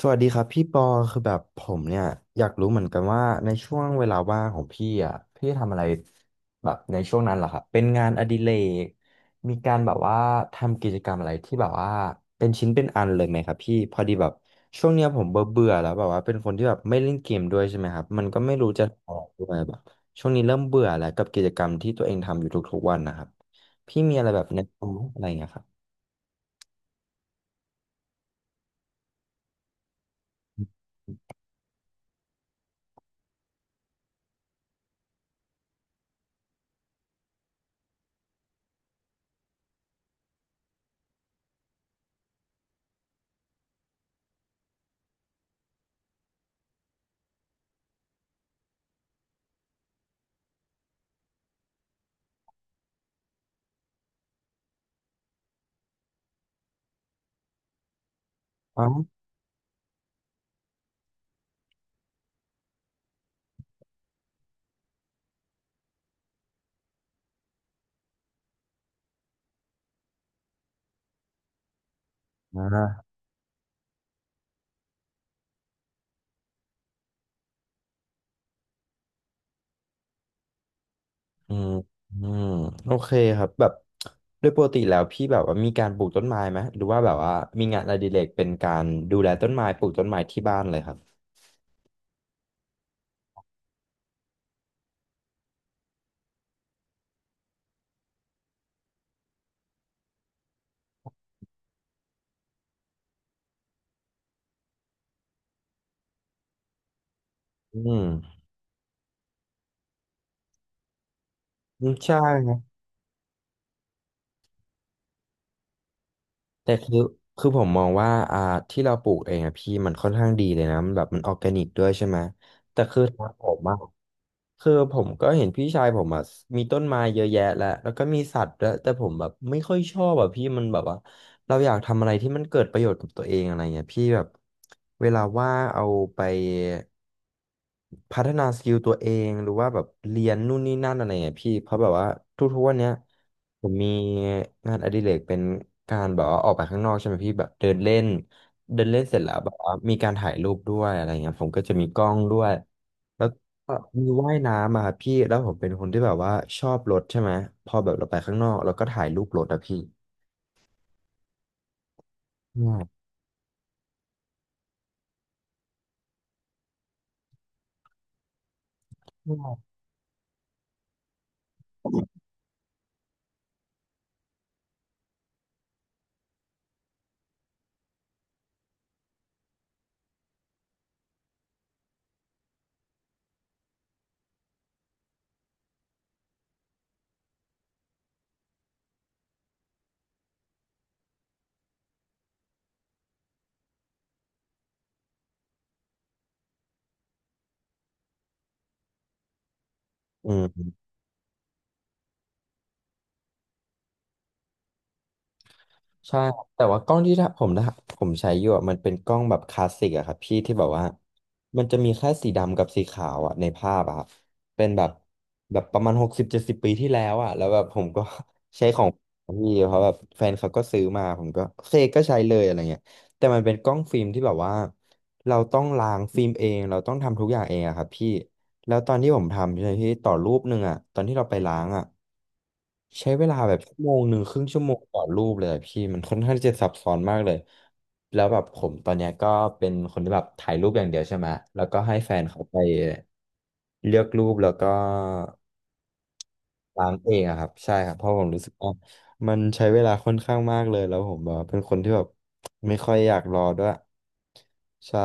สวัสดีครับพี่ปอคือแบบผมเนี่ยอยากรู้เหมือนกันว่าในช่วงเวลาว่างของพี่อ่ะพี่ทำอะไรแบบในช่วงนั้นเหรอครับเป็นงานอดิเรกมีการแบบว่าทำกิจกรรมอะไรที่แบบว่าเป็นชิ้นเป็นอันเลยไหมครับพี่พอดีแบบช่วงเนี้ยผมเบื่อเบื่อแล้วแบบว่าเป็นคนที่แบบไม่เล่นเกมด้วยใช่ไหมครับมันก็ไม่รู้จะออกด้วยแบบช่วงนี้เริ่มเบื่อแล้วกับกิจกรรมที่ตัวเองทำอยู่ทุกๆวันนะครับพี่มีอะไรแบบแนะนำอะไรอย่างเงี้ยครับอ๋อ อืมอืมโอเคครับแบบโดยปกติแล้วพี่แบบว่ามีการปลูกต้นไม้ไหมหรือว่าแบบว่ามีงานอดิเรกเป็นการดูแลต้นไม้ปลูกต้นไม้ที่บ้านเลยครับอืมอืมใช่ครับแต่คือคือผมมองว่าที่เราปลูกเองอะพี่มันค่อนข้างดีเลยนะมันแบบมันออร์แกนิกด้วยใช่ไหมครับผมอะ คือผมก็เห็นพี่ชายผมอ่ะมีต้นไม้เยอะแยะแล้วแล้วก็มีสัตว์แล้วยแต่ผมแบบไม่ค่อยชอบอ่ะพี่มันแบบว่าเราอยากทำอะไรที่มันเกิดประโยชน์กับตัวเองอะไรเงี้ยพี่แบบเวลาว่างเอาไปพัฒนาสกิลตัวเองหรือว่าแบบเรียนนู่นนี่นั่นอะไรเงี้ยพี่เพราะแบบว่าทุกๆวันเนี้ยผมมีงานอดิเรกเป็นการแบบว่าออกไปข้างนอกใช่ไหมพี่แบบเดินเล่น เดินเล่นเสร็จแล้วแบบว่ามีการถ่ายรูปด้วยอะไรเงี้ยผมก็จะมีกล้องด้วยแล้วก็มีว่ายน้ำอะครับพี่แล้วผมเป็นคนที่แบบว่าชอบรถใช่ไหมพอแบบเราไปข้างนอกเราก็ถ่ายรูปรถอะพี่ง่ายง่ายอืม ใช่ครับแต่ว่ากล้องที่ถ้าผมนะผมใช้อยู่อะมันเป็นกล้องแบบคลาสสิกอะครับพี่ที่แบบว่ามันจะมีแค่สีดำกับสีขาวอะในภาพอะครับเป็นแบบแบบประมาณ60-70 ปีที่แล้วอะแล้วแบบผมก็ ใช้ของพี่เพราะแบบแฟนเขาก็ซื้อมาผมก็โอเคก็ใช้เลยอะไรเงี้ยแต่มันเป็นกล้องฟิล์มที่แบบว่าเราต้องล้างฟิล์มเองเราต้องทำทุกอย่างเองอะครับพี่ แล้วตอนที่ผมทำใช่ไหมพี่ต่อรูปหนึ่งอะตอนที่เราไปล้างอะ ใช้เวลาแบบ1 ชั่วโมงครึ่งชั่วโมงต่อรูปเลยอะพี่มันค่อนข้างที่จะซับซ้อนมากเลยแล้วแบบผมตอนเนี้ยก็เป็นคนที่แบบถ่ายรูปอย่างเดียวใช่ไหมแล้วก็ให้แฟนเขาไปเลือกรูปแล้วก็ล้างเองอะครับใช่ครับเพราะผมรู้สึกว่ามันใช้เวลาค่อนข้างมากเลยแล้วผมแบบเป็นคนที่แบบไม่ค่อยอยากรอด้วยใช่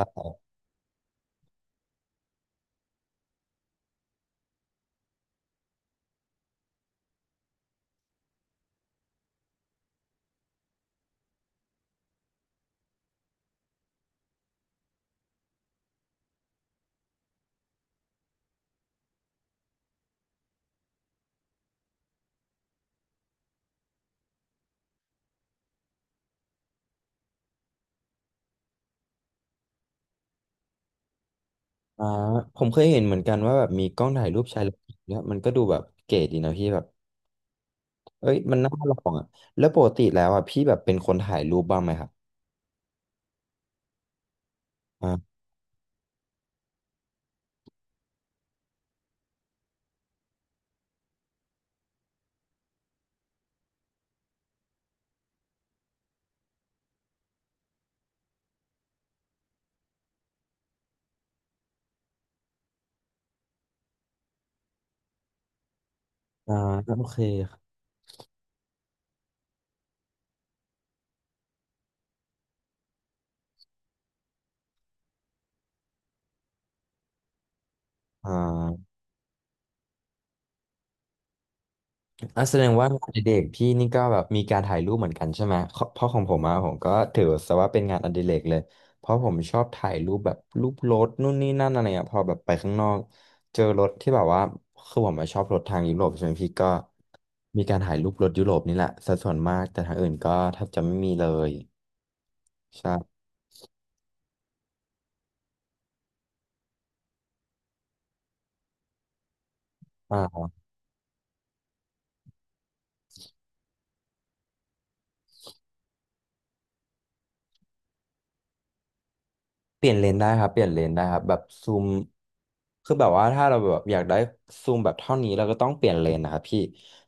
อ่าผมเคยเห็นเหมือนกันว่าแบบมีกล้องถ่ายรูปชายเลนส์เนี่ยมันก็ดูแบบเก๋ดีนะพี่แบบ เอ้ยมันน่าลองอ่ะแล้วปกติแล้วอ่ะพี่แบบเป็นคนถ่ายรูปบ้างไหมครับอ่าอ่าโอเคครับอ่าอ่ะแสดงว่างานอดิเรกพี่นี่ก็แบบมีการถ่ายรูปเหมือนกันใช่ไหมเพราะเพราะของผมอ่ะผมก็ถือซะว่าเป็นงานอดิเรกเลยเพราะผมชอบถ่ายรูปแบบรูปรถนู่นนี่นั่นอะไรอ่ะพอแบบไปข้างนอกเจอรถที่แบบว่าคือผมอะชอบรถทางยุโรปใช่ไหมพี่ก็มีการถ่ายรูปรถยุโรปนี่แหละสัดส่วนมากแต่ทางอื่นก็แทบจะไม่มีเลยใช่ เปลี่ยนเลนได้ครับเปลี่ยนเลนได้ครับแบบซูมคือแบบว่าถ้าเราแบบอยากได้ซูมแบบเท่านี้เราก็ต้องเปลี่ยนเลนนะครับพี่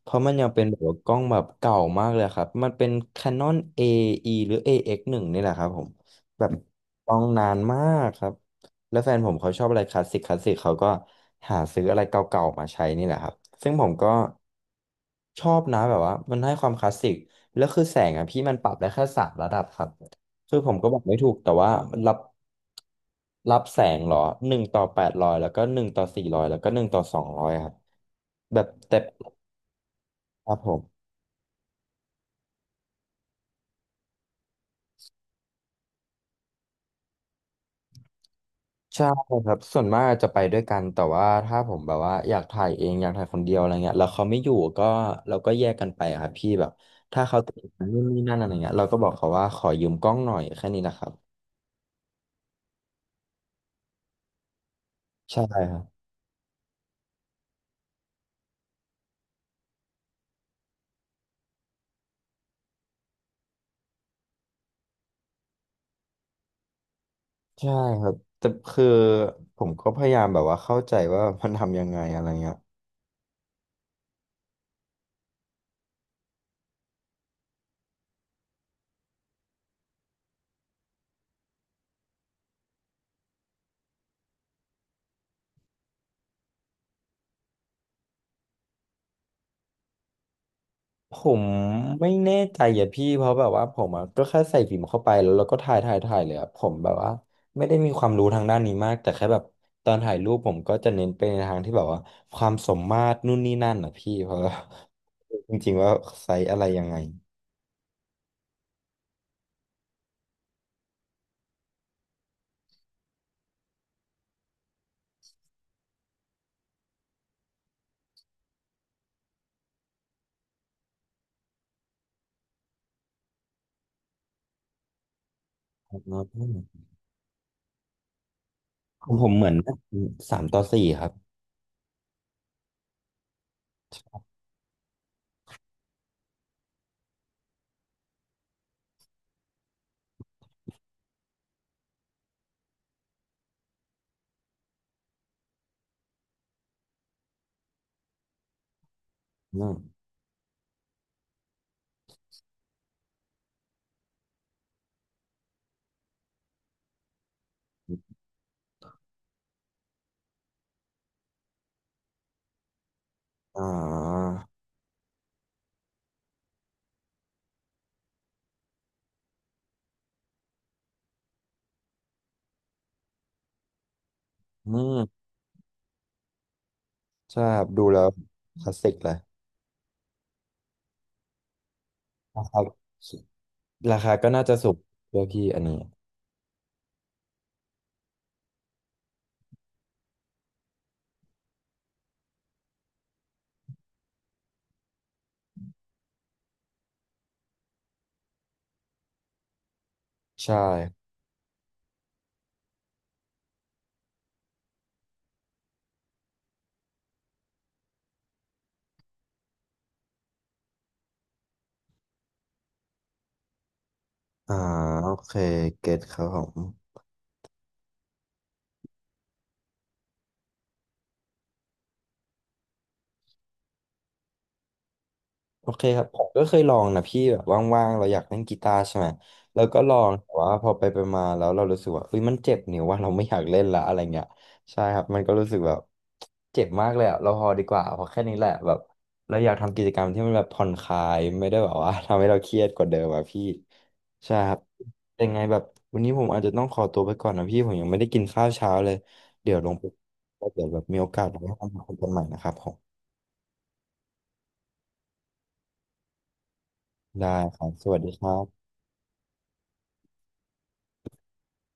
เพราะมันยังเป็นแบบว่ากล้องแบบเก่ามากเลยครับมันเป็น Canon AE หรือ AX1 นงนี่แหละครับผมแบบกล้องนานมากครับแล้วแฟนผมเขาชอบอะไรคลาสสิกคลาสสิกเขาก็หาซื้ออะไรเก่าๆมาใช้นี่แหละครับซึ่งผมก็ชอบนะแบบว่ามันให้ความคลาสสิกแล้วคือแสงอ่ะพี่มันปรับได้แค่3 ระดับครับ คือผมก็บอกไม่ถูกแต่ว่ารับรับแสงเหรอ1/800แล้วก็1/400แล้วก็1/200ครับแบบเต็มครับผมใช่ครับส่วนมากจะไปด้วยกันแต่ว่าถ้าผมแบบว่าอยากถ่ายเองอยากถ่ายคนเดียวอะไรเงี้ยแล้วเขาไม่อยู่ก็เราก็แยกกันไปอะครับพี่แบบถ้าเขาติดนู่นนี่นั่นอะไรเงี้ยเราก็บอกเขาว่าขอยืมกล้องหน่อยแค่นี้นะครับใช่ครับใช่ครับแต่คือผมก็พยายามแบบว่าเข้าใจว่ามันทำยังไงอะไรเงี้ย ผมไม่แน่ใจอ่ะพี่เพราะแบบว่าผมอะก็แค่ใส่ฟิล์มเข้าไปแล้วเราก็ถ่ายถ่ายถ่ายเลยอะผมแบบว่าไม่ได้มีความรู้ทางด้านนี้มากแต่แค่แบบตอนถ่ายรูปผมก็จะเน้นไปในทางที่แบบว่าความสมมาตรนู่นนี่นั่นอ่ะพี่เพราะว่าจริงๆว่าไซส์อะไรยังไงของผมเหมือน3/4ครับอืมอ่าอืมใช่ครับดูแล้วคลาสสิกเลยนะครับราคาก็น่าจะสูงด้วยพี่อันนี้ใช่ อ่าโอเคเก็ตครับผมโอเคครับผมก็เคยลองนะพี่แบบว่างๆเราอยากเล่นกีตาร์ใช่ไหมแล้วก็ลองแต่ว่าพอไปไปมาแล้วเรารู้สึกว่าเฮ้ยมันเจ็บนิ้วว่าเราไม่อยากเล่นละอะไรเงี้ยใช่ครับมันก็รู้สึกแบบเจ็บมากเลยอะเราพอดีกว่าพอแค่นี้แหละแบบเราอยากทำกิจกรรมที่มันแบบผ่อนคลายไม่ได้แบบว่า ทำให้เราเครียดกว่าเดิมอะพี่ใช่ครับยังไงแบบวันนี้ผมอาจจะต้องขอตัวไปก่อนนะพี่ผมยังไม่ได้กินข้าวเช้าเลยเดี๋ยวลงไปแล้วเดี๋ยวแบบมีโอกาสเราไปทำงานกันใหม่นะครับผม ได้ครับสวัสดีครับ